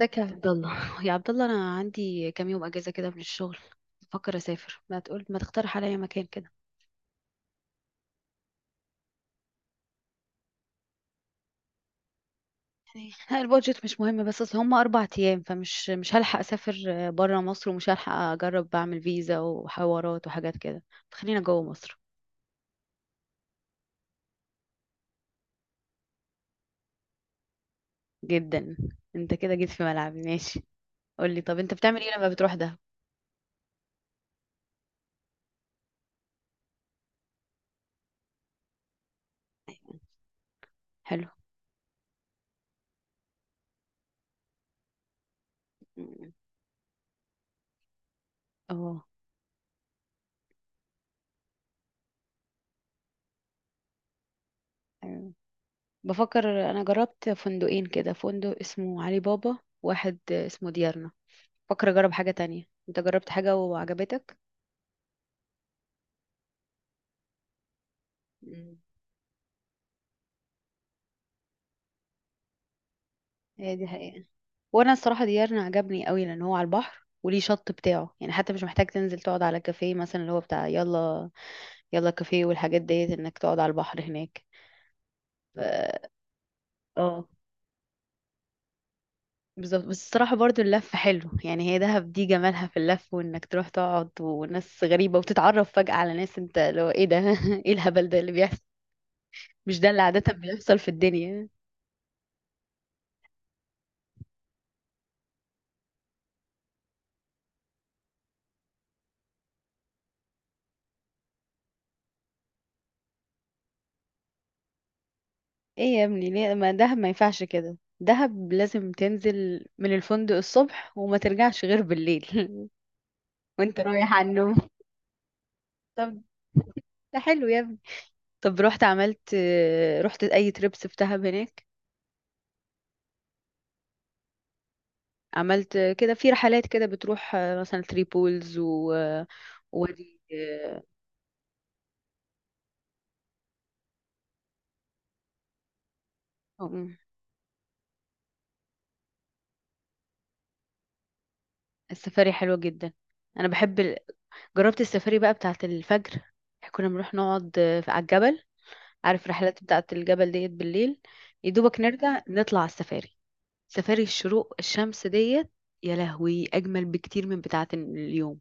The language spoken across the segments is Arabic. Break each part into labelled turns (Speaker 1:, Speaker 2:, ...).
Speaker 1: ازيك يا عبد الله؟ يا عبد الله، انا عندي كام يوم اجازه كده من الشغل. بفكر اسافر، ما تقترح عليا مكان كده. يعني لا، البادجت مش مهم، بس اصل هم 4 ايام، فمش مش هلحق اسافر بره مصر، ومش هلحق اجرب بعمل فيزا وحوارات وحاجات كده، فخلينا جوه مصر. جدا. انت كده جيت في ملعبي. ماشي. قول لي، طب انت بتعمل ايه لما بتروح؟ ده حلو. م- اه أيوة. بفكر، انا جربت فندقين كده، فندق اسمه علي بابا، واحد اسمه ديارنا. بفكر اجرب حاجة تانية. انت جربت حاجة وعجبتك؟ مم. هي دي حقيقة. وانا الصراحة ديارنا عجبني قوي، لان هو على البحر وليه شط بتاعه، يعني حتى مش محتاج تنزل تقعد على كافيه مثلا اللي هو بتاع يلا، يلا كافيه والحاجات ديت، انك تقعد على البحر هناك. ف- اه، بالظبط. بس الصراحة برضو اللف حلو، يعني هي دهب دي جمالها في اللف، وانك تروح تقعد وناس غريبة وتتعرف فجأة على ناس. انت لو ايه ده ايه الهبل ده اللي بيحصل؟ مش ده اللي عادة بيحصل في الدنيا؟ ايه يا ابني؟ ليه؟ ما دهب ما ينفعش كده، دهب لازم تنزل من الفندق الصبح وما ترجعش غير بالليل. وانت رايح على النوم. طب، ده حلو يا ابني. طب رحت اي تريبس في دهب هناك؟ عملت كده في رحلات كده، بتروح مثلا ثري بولز و وادي أم، السفاري حلوة جدا. انا بحب جربت السفاري بقى بتاعت الفجر. كنا بنروح نقعد على الجبل، عارف رحلات بتاعت الجبل ديت بالليل؟ يدوبك نرجع نطلع على السفاري، سفاري الشروق، الشمس ديت. يا لهوي، اجمل بكتير من بتاعت اليوم.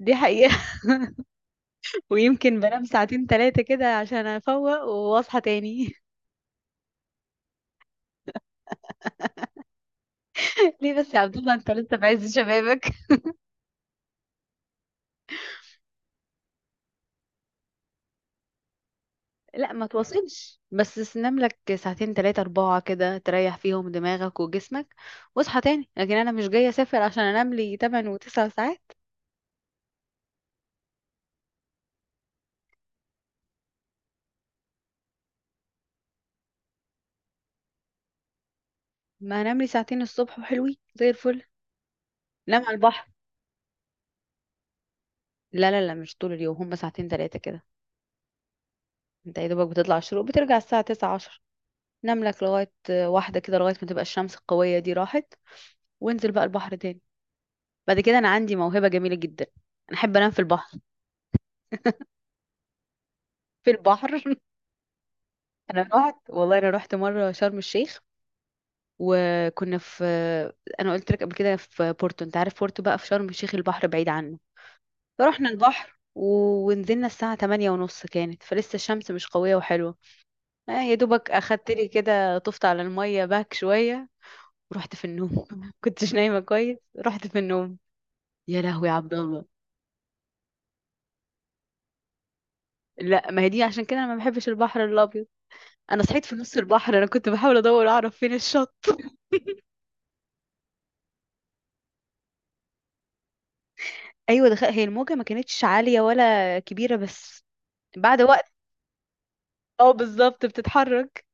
Speaker 1: دي حقيقة. ويمكن بنام ساعتين ثلاثة كده، عشان افوق واصحى تاني. ليه بس يا عبد الله؟ انت لسه في عز شبابك. لا ما توصلش، بس تنام لك ساعتين ثلاثة أربعة كده تريح فيهم دماغك وجسمك، واصحى تاني. لكن أنا مش جاية أسافر عشان أنام لي 8 و9 ساعات. ما أنام لي ساعتين الصبح، وحلوين زي الفل. نام على البحر. لا، لا، لا، مش طول اليوم، هم ساعتين تلاتة كده. انت يا دوبك بتطلع الشروق، بترجع الساعة تسعة عشر، نام لك لغاية واحدة كده، لغاية ما تبقى الشمس القوية دي راحت، وانزل بقى البحر تاني. بعد كده، انا عندي موهبة جميلة جدا. انا احب انام في البحر. في البحر. انا رحت والله انا رحت مرة شرم الشيخ، وكنا في... انا قلت لك قبل كده في بورتو، انت عارف بورتو بقى في شرم الشيخ البحر بعيد عنه. فرحنا البحر ونزلنا الساعة 8:30، كانت فلسه الشمس مش قوية وحلوة. يا دوبك اخدت لي كده، طفت على الميه باك شويه، ورحت في النوم. كنتش نايمه كويس، رحت في النوم. يا لهوي يا عبد الله. لا، ما هي دي عشان كده انا ما بحبش البحر الابيض. انا صحيت في نص البحر، انا كنت بحاول ادور اعرف فين الشط. ايوه دخل. هي الموجه ما كانتش عاليه ولا كبيره، بس بعد وقت... اه، بالظبط، بتتحرك.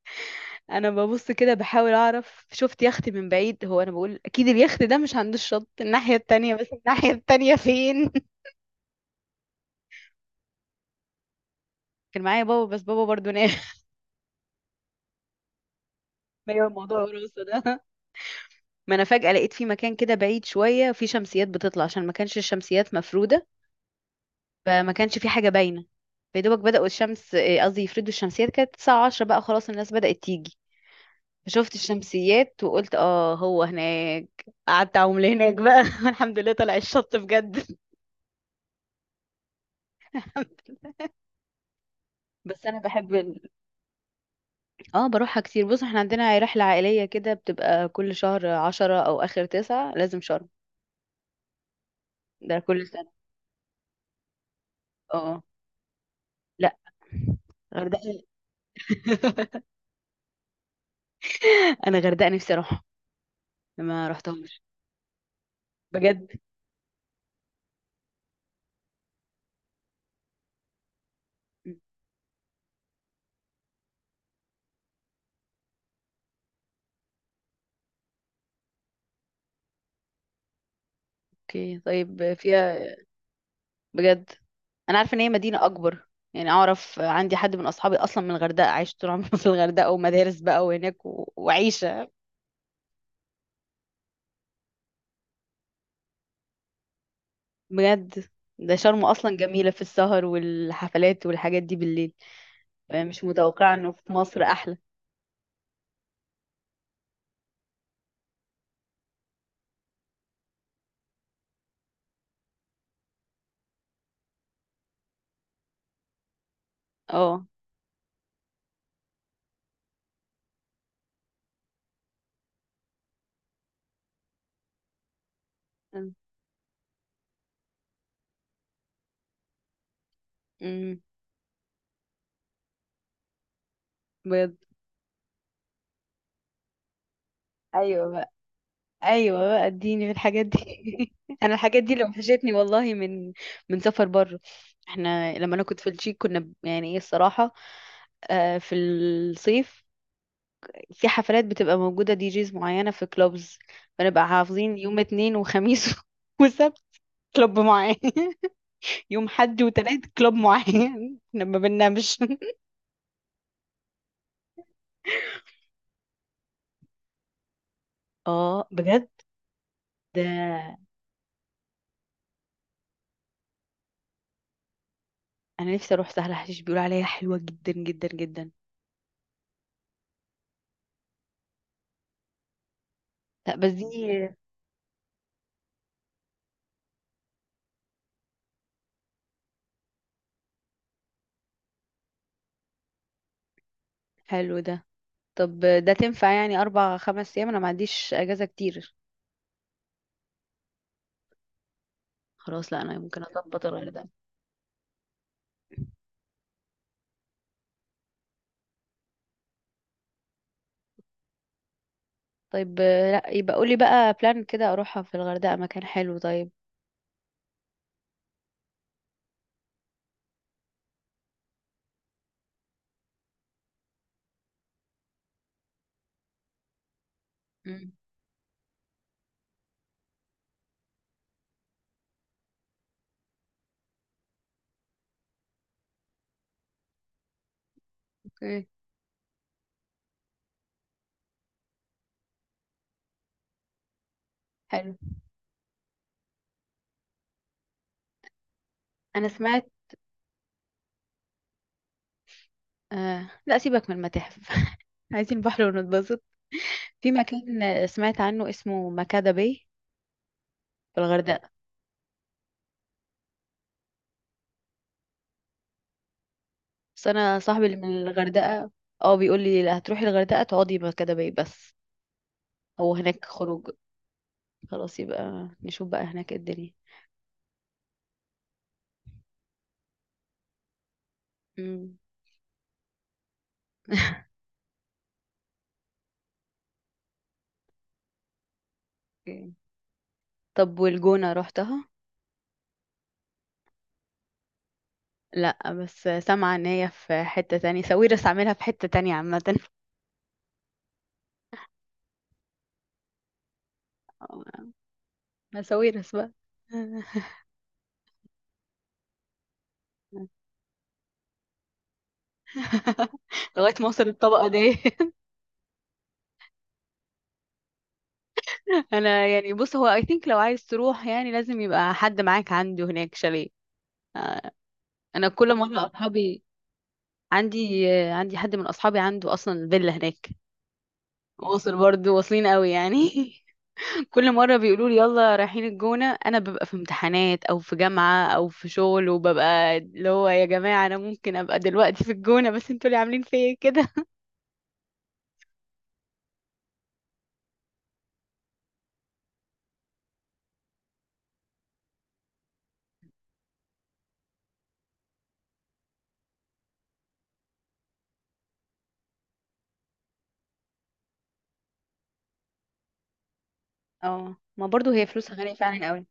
Speaker 1: انا ببص كده بحاول اعرف، شفت يخت من بعيد. هو انا بقول اكيد اليخت ده مش عند الشط الناحيه التانية. بس الناحيه التانية فين؟ كان معايا بابا، بس بابا برضو نام. ايوه، موضوع الوراثه ده. ما انا فجاه لقيت في مكان كده بعيد شويه في شمسيات بتطلع، عشان ما كانش الشمسيات مفروده، فما كانش في حاجه باينه. فيدوبك بداوا الشمس، إيه قصدي، يفردوا الشمسيات، كانت الساعه 10 بقى، خلاص الناس بدات تيجي. فشفت الشمسيات وقلت، اه هو هناك. قعدت اعوم هناك بقى. الحمد لله طلع الشط بجد. بس انا بحب ال... اه، بروحها كتير. بص، احنا عندنا رحله عائليه كده بتبقى كل شهر عشرة او اخر تسعة لازم شرم. ده كل سنه. اه، لا، غردقه. انا غردقه نفسي اروح، ما رحتهمش. بجد. اوكي طيب، فيها؟ بجد، انا عارفه ان هي مدينه اكبر. يعني اعرف، عندي حد من اصحابي اصلا من الغردقه عايش طول عمره في الغردقه ومدارس بقى وهناك، و... وعيشه. بجد؟ ده شرم اصلا جميله في السهر والحفلات والحاجات دي بالليل. يعني مش متوقعه انه في مصر احلى. اه. أمم، بجد؟ ايوه. ايوه بقى، اديني في الحاجات دي. انا الحاجات دي اللي وحشتني والله، من سفر بره. احنا لما انا كنت في التشيك كنا يعني ايه الصراحه، في الصيف في حفلات بتبقى موجوده، دي جيز معينه في كلوبز. فنبقى حافظين يوم اتنين وخميس وسبت كلوب معين. يوم حد وتلات كلوب معين. احنا ما بننامش. اه، بجد؟ ده انا نفسي اروح سهل حشيش، بيقولوا عليها حلوه جدا جدا جدا. لا بس دي... حلو ده. طب ده تنفع؟ يعني أربع خمس أيام، أنا ما عنديش أجازة كتير. خلاص. لا، أنا ممكن أظبط الغردقة. طيب. لا يبقى قولي بقى بلان كده أروحها في الغردقة، مكان حلو طيب. مم. أوكي، حلو. أنا سمعت لا، سيبك من المتاحف. عايزين بحر ونتبسط. في مكان سمعت عنه اسمه مكادة باي، في الغردقة. بس أنا صاحبي اللي من الغردقة، اه بيقول لي لا، هتروحي الغردقة تقعدي مكادة باي بس. هو هناك خروج. خلاص يبقى نشوف بقى هناك إيه الدنيا. مم. طب، والجونة روحتها؟ لا، بس سامعة ان هي في حتة تانية، ساويرس عاملها في حتة تانية عامة. ساويرس بقى. لغاية ما اوصل الطبقة دي. انا يعني، بص، هو اي ثينك لو عايز تروح يعني لازم يبقى حد معاك عنده هناك شاليه. آه، انا كل مرة اصحابي عندي آه، عندي حد من اصحابي عنده اصلا فيلا هناك. واصل برضه، واصلين قوي يعني. كل مرة بيقولوا لي يلا رايحين الجونة، أنا ببقى في امتحانات أو في جامعة أو في شغل، وببقى اللي هو يا جماعة، أنا ممكن أبقى دلوقتي في الجونة بس انتوا اللي عاملين فيا كده. اه، ما برضو هي فلوسها غالية فعلا قوي.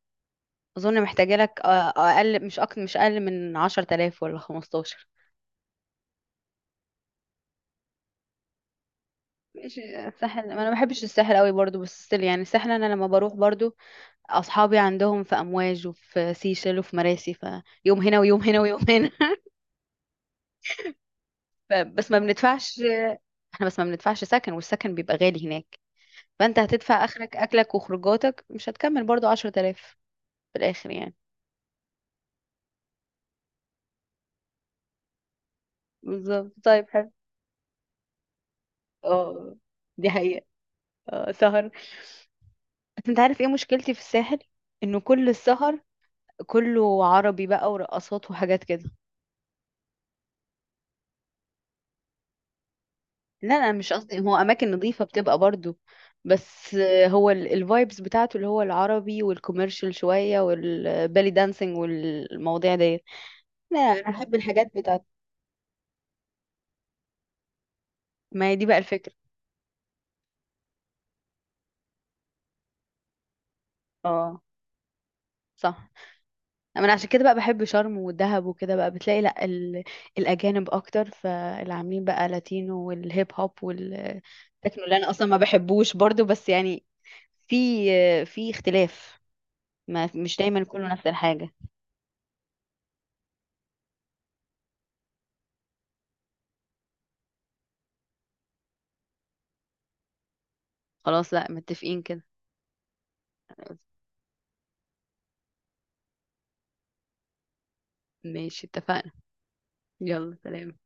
Speaker 1: أظن محتاجة لك أقل، مش أكتر، مش أقل من عشرة آلاف ولا 15. ماشي، الساحل. ما أنا ما بحبش الساحل قوي برضو، بس still يعني الساحل أنا لما بروح برضو أصحابي عندهم في أمواج وفي سيشل وفي مراسي، فيوم هنا ويوم هنا ويوم هنا. بس ما بندفعش. احنا بس ما بندفعش سكن، والسكن بيبقى غالي هناك. فانت هتدفع اخرك اكلك وخروجاتك، مش هتكمل برضو 10,000 في الاخر يعني. بالظبط طيب حلو. اه، دي حقيقة. اه، سهر. بس انت عارف ايه مشكلتي في الساحل؟ انه كل السهر كله عربي بقى، ورقصات وحاجات كده. لا، انا مش قصدي، هو اماكن نظيفة بتبقى برضو. بس هو الفايبس بتاعته اللي هو العربي والكوميرشال شوية والبالي دانسينج والمواضيع ديت. لا، انا احب الحاجات بتاعت... ما هي دي بقى الفكرة. اه، صح. انا عشان كده بقى بحب شرم والدهب وكده، بقى بتلاقي لا ال... الاجانب اكتر، فاللي عاملين بقى لاتينو والهيب هوب والتكنو اللي انا اصلا ما بحبوش برضو، بس يعني في في اختلاف. ما مش دايما كله نفس الحاجة. خلاص. لا، متفقين كده. ماشي، اتفقنا. يلا سلام.